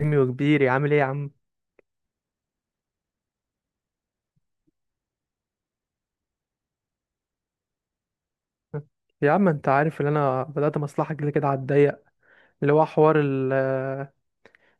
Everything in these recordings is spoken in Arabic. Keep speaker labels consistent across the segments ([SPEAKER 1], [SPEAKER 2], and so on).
[SPEAKER 1] حجمي وكبيري عامل ايه يا عم؟ يا عم انت عارف ان انا بدأت مصلحة كده كده على الضيق، اللي هو حوار ال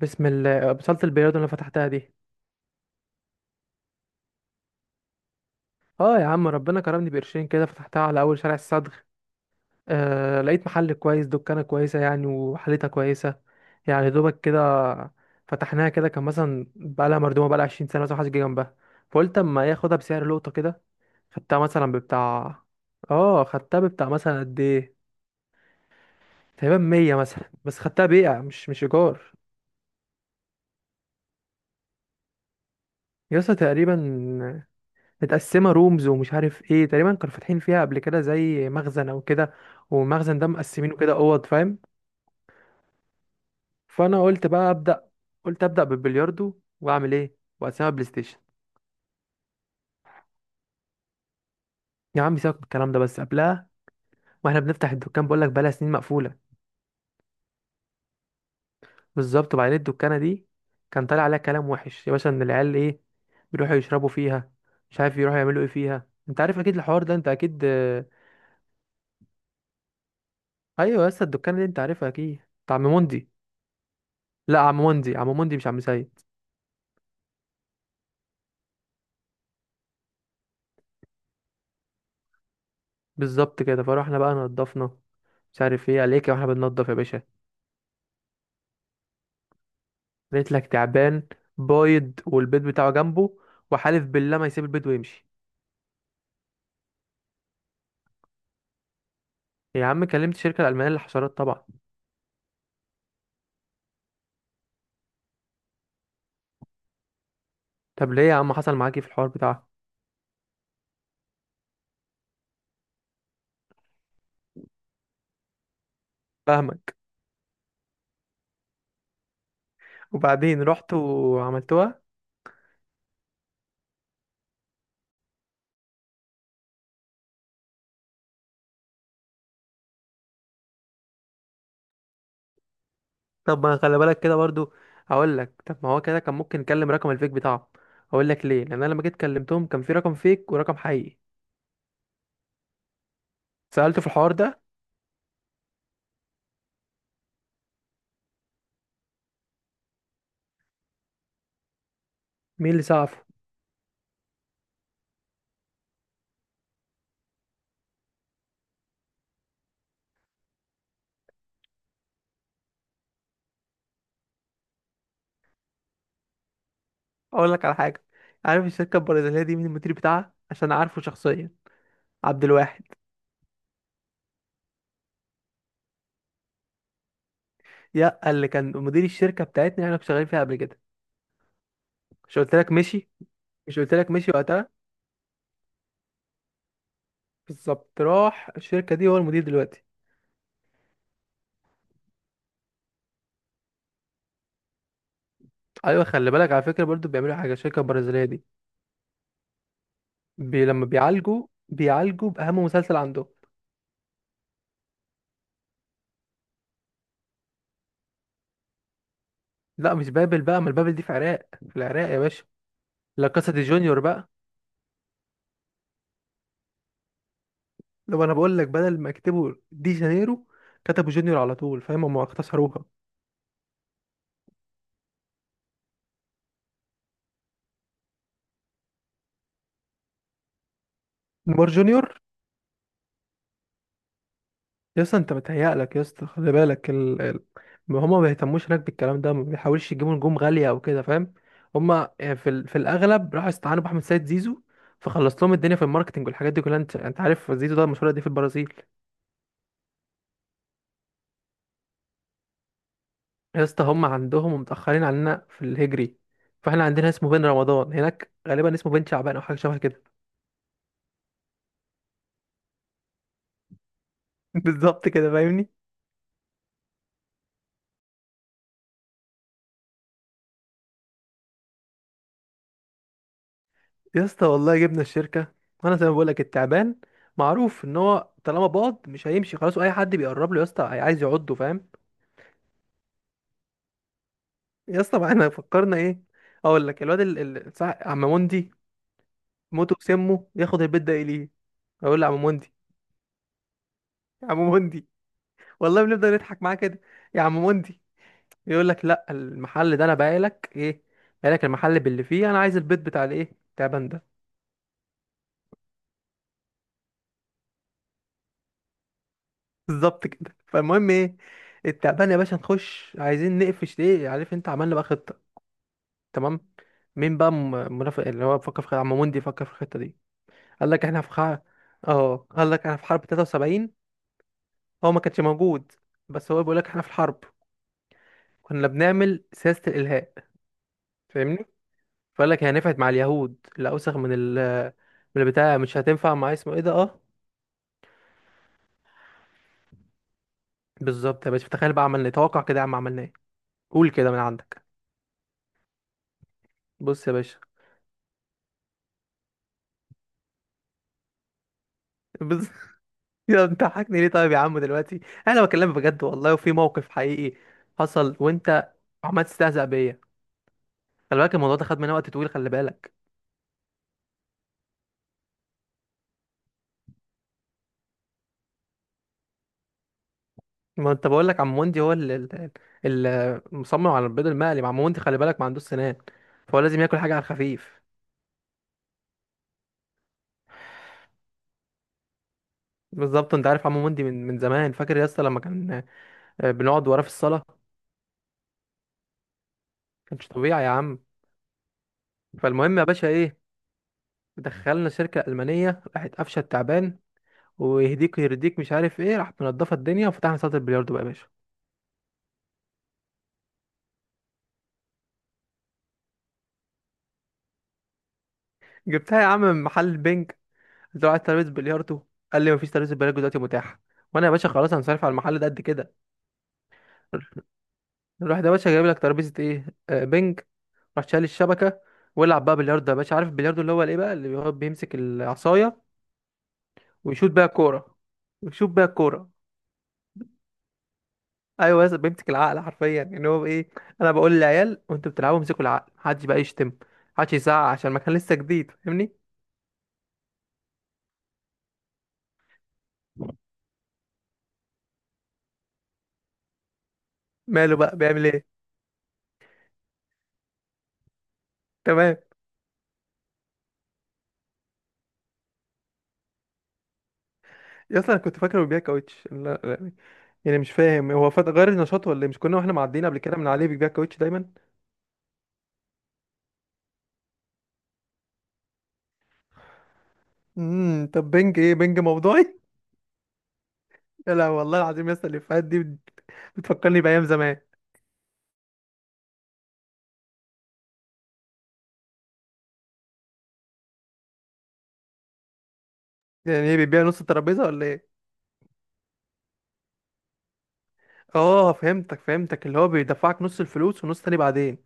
[SPEAKER 1] بسم الله بصالة البلياردو اللي أنا فتحتها دي. اه يا عم ربنا كرمني بقرشين كده، فتحتها على اول شارع الصدغ. آه لقيت محل كويس، دكانة كويسة يعني وحالتها كويسة، يعني دوبك كده. فتحناها كده، كان مثلا بقالها مردومة بقالها 20 سنة مثلا محدش جه جنبها، فقلت اما ايه اخدها بسعر لقطة كده. خدتها مثلا ببتاع، اه خدتها ببتاع مثلا قد ايه؟ تقريبا 100 مثلا، بس خدتها بيع مش ايجار. يا اسطى تقريبا متقسمه رومز ومش عارف ايه، تقريبا كانوا فاتحين فيها قبل كده زي مخزن او كده، والمخزن ده مقسمينه كده اوض فاهم. فانا قلت بقى ابدا، قلت ابدا بالبلياردو، واعمل ايه واقسمها بلاي ستيشن. يا عم سيبك من الكلام ده بس، قبلها واحنا بنفتح الدكان بقول لك بقالها سنين مقفوله. بالظبط، وبعدين الدكانه دي كان طالع عليها كلام وحش يا باشا، ان العيال ايه بيروحوا يشربوا فيها، مش عارف يروحوا يعملوا ايه فيها، انت عارف اكيد الحوار ده انت اكيد. ايوه، لسه الدكان اللي انت عارفها اكيد بتاع عم موندي. لا عم موندي، عم موندي مش عم سيد. بالظبط كده، فروحنا بقى نضفنا، مش عارف ايه عليك واحنا بننضف يا باشا. لقيت لك تعبان بايض والبيض بتاعه جنبه، وحالف بالله ما يسيب البيض ويمشي. يا عم كلمت الشركه الالمانيه للحشرات طبعا. طب ليه يا عم؟ حصل معاك ايه في الحوار بتاعها؟ فاهمك. وبعدين رحت وعملتوها؟ طب ما خلي بالك كده برضو، اقول لك، طب ما هو كده كان ممكن نكلم رقم الفيك بتاعه. اقول لك ليه، لان انا لما جيت كلمتهم كان في رقم فيك ورقم حقيقي. سألته في الحوار ده. مين اللي سقفه؟ اقول لك على حاجه. عارف الشركه البرازيليه دي مين المدير بتاعها؟ عشان عارفه شخصيا. عبد الواحد. يا اللي كان مدير الشركه بتاعتنا اللي احنا كنا شغالين فيها قبل كده. مش قلت لك مشي؟ مش قلت لك مشي وقتها؟ بالظبط، راح الشركه دي هو المدير دلوقتي. ايوه، خلي بالك على فكره برضو، بيعملوا حاجه الشركه البرازيليه دي. بي لما بيعالجوا باهم مسلسل عندهم. لا مش بابل بقى، ما البابل دي في العراق، في العراق يا باشا. لا كاسا دي جونيور بقى. لو انا بقول لك، بدل ما يكتبوا دي جانيرو كتبوا جونيور على طول، فاهم؟ هم اختصروها. نيمار جونيور. يا اسطى انت متهيألك، يا اسطى خلي بالك ما هما ما بيهتموش هناك بالكلام ده، ما بيحاولش يجيبوا نجوم غالية او كده، فاهم؟ هما يعني في الاغلب راحوا استعانوا باحمد سيد زيزو، فخلص لهم الدنيا في الماركتنج والحاجات دي كلها. انت عارف زيزو ده مشهور قد ايه في البرازيل. يا اسطى هما عندهم ومتأخرين عننا في الهجري، فاحنا عندنا اسمه بن رمضان، هناك غالبا اسمه بن شعبان او حاجة شبه كده. بالظبط كده فاهمني. يا اسطى والله جبنا الشركه، وانا زي ما بقول لك التعبان معروف ان هو طالما باض مش هيمشي خلاص، واي حد بيقرب له يا اسطى عايز يعضه فاهم. يا اسطى ما احنا فكرنا ايه، اقول لك الواد صح عم موندي موته بسمه، ياخد البيت ده اليه. اقول له يا عم موندي، يا عم موندي، والله بنفضل نضحك معاه كده. يا عم موندي، يقول لك لا المحل ده انا بايع لك ايه، بايع لك المحل باللي فيه، انا عايز البيت بتاع الايه التعبان ده. بالظبط كده. فالمهم ايه، التعبان يا باشا نخش عايزين نقفش ايه عارف انت، عملنا بقى خطه تمام. مين بقى منافق اللي هو فكر في عم موندي فكر في الخطه دي. قال لك احنا في حرب، اه قال لك احنا في حرب 73، هو ما كانش موجود بس هو بيقول لك احنا في الحرب. كنا بنعمل سياسه الالهاء فاهمني. فقال لك هي نفعت مع اليهود، لا اوسخ من ال، من البتاع مش هتنفع مع اسمه ايه ده اه. بالظبط يا باشا، تخيل بقى عملنا ايه، توقع كده يا عم، عملنا ايه؟ قول كده من عندك. بص يا باشا، بص يا انت حاكني ليه طيب يا عم دلوقتي؟ انا بكلمك بجد والله وفي موقف حقيقي حصل، وانت عمال تستهزأ بيا. خلي بالك الموضوع ده خد مننا وقت طويل، خلي بالك. ما انت بقول لك عم وندي هو اللي المصمم على البيض المقلي، عم وندي خلي بالك ما عندوش سنان، فهو لازم ياكل حاجه على الخفيف. بالظبط. انت عارف عم وندي من زمان، فاكر يا اسطى لما كان بنقعد وراه في الصاله، كانش طبيعي يا عم. فالمهم يا باشا ايه، دخلنا شركه المانيه، راحت قفشه التعبان ويهديك ويرديك مش عارف ايه، راحت منضفه الدنيا وفتحنا صاله البلياردو بقى يا باشا. جبتها يا عم من محل البنج، قلت له عايز ترابيزه بلياردو. قال لي مفيش ترابيزه بلياردو دلوقتي متاحه، وانا يا باشا خلاص هنصرف على المحل ده قد كده. الواحد يا باشا جايب لك ترابيزه ايه بنج، راح شايل الشبكه ويلعب بقى بلياردو يا باشا. عارف البلياردو اللي هو الايه بقى، اللي هو بيمسك العصايه ويشوط بيها الكوره، ويشوط بيها الكوره. ايوه، بس بيمسك العقل حرفيا ان هو ايه، انا بقول للعيال وانتوا بتلعبوا امسكوا العقل، محدش بقى يشتم، محدش يزعق عشان المكان لسه جديد فاهمني. ماله بقى، بيعمل ايه؟ تمام. يا اصلا انا كنت فاكره بيبيع كاوتش، لا لا. يعني مش فاهم هو فات غير نشاطه ولا إيه؟ مش كنا واحنا معديين قبل كده من عليه بيبيع كاوتش دايما. امم، طب بنج ايه؟ بنج موضوعي؟ يا لا والله العظيم يا اسطى، الافيهات دي بتفكرني بايام زمان. يعني ايه؟ بيبيع نص الترابيزه ولا ايه؟ اه فهمتك فهمتك، اللي هو بيدفعك نص الفلوس ونص تاني بعدين.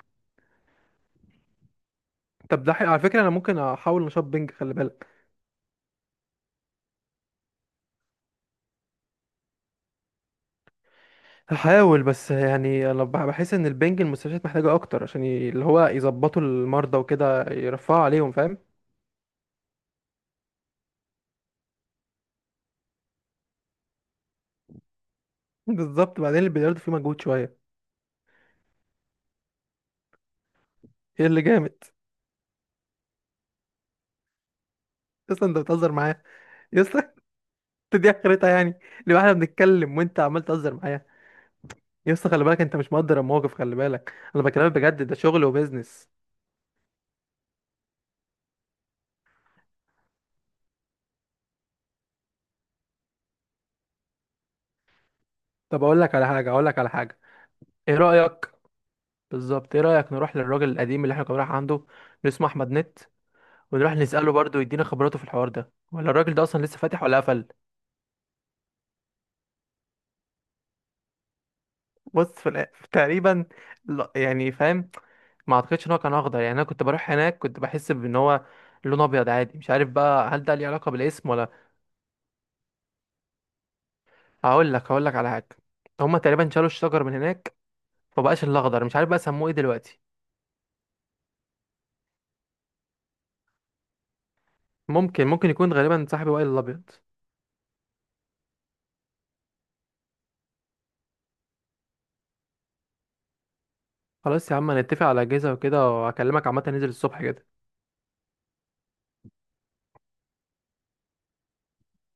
[SPEAKER 1] طب ده على فكره انا ممكن احاول نشاط بنج خلي بالك. هحاول، بس يعني انا بحس ان البنج المستشفيات محتاجه اكتر، عشان اللي هو يظبطوا المرضى وكده يرفعوا عليهم فاهم. بالظبط. بعدين البلياردو فيه مجهود شويه. ايه اللي جامد؟ اصلا انت بتهزر معايا يا اسطى انت دي اخرتها يعني؟ لو احنا بنتكلم وانت عمال تهزر معايا يا اسطى، خلي بالك انت مش مقدر الموقف، خلي بالك انا بكلمك بجد، ده شغل وبيزنس. طب اقول لك على حاجه، اقول لك على حاجه. ايه رايك، بالظبط ايه رايك نروح للراجل القديم اللي احنا كنا رايح عنده اللي اسمه احمد نت، ونروح نساله برضه يدينا خبراته في الحوار ده، ولا الراجل ده اصلا لسه فاتح ولا قفل. بص تقريبا، لا يعني فاهم ما اعتقدش ان هو كان اخضر، يعني انا كنت بروح هناك كنت بحس بان هو لون ابيض عادي، مش عارف بقى هل ده ليه علاقه بالاسم ولا. هقول لك، هقول لك على حاجه، هما تقريبا شالوا الشجر من هناك، فبقاش الاخضر، مش عارف بقى سموه ايه دلوقتي. ممكن، ممكن يكون غالبا صاحبي وائل الابيض. خلاص يا عم، هنتفق على اجازه وكده، وهكلمك عامه ننزل الصبح كده.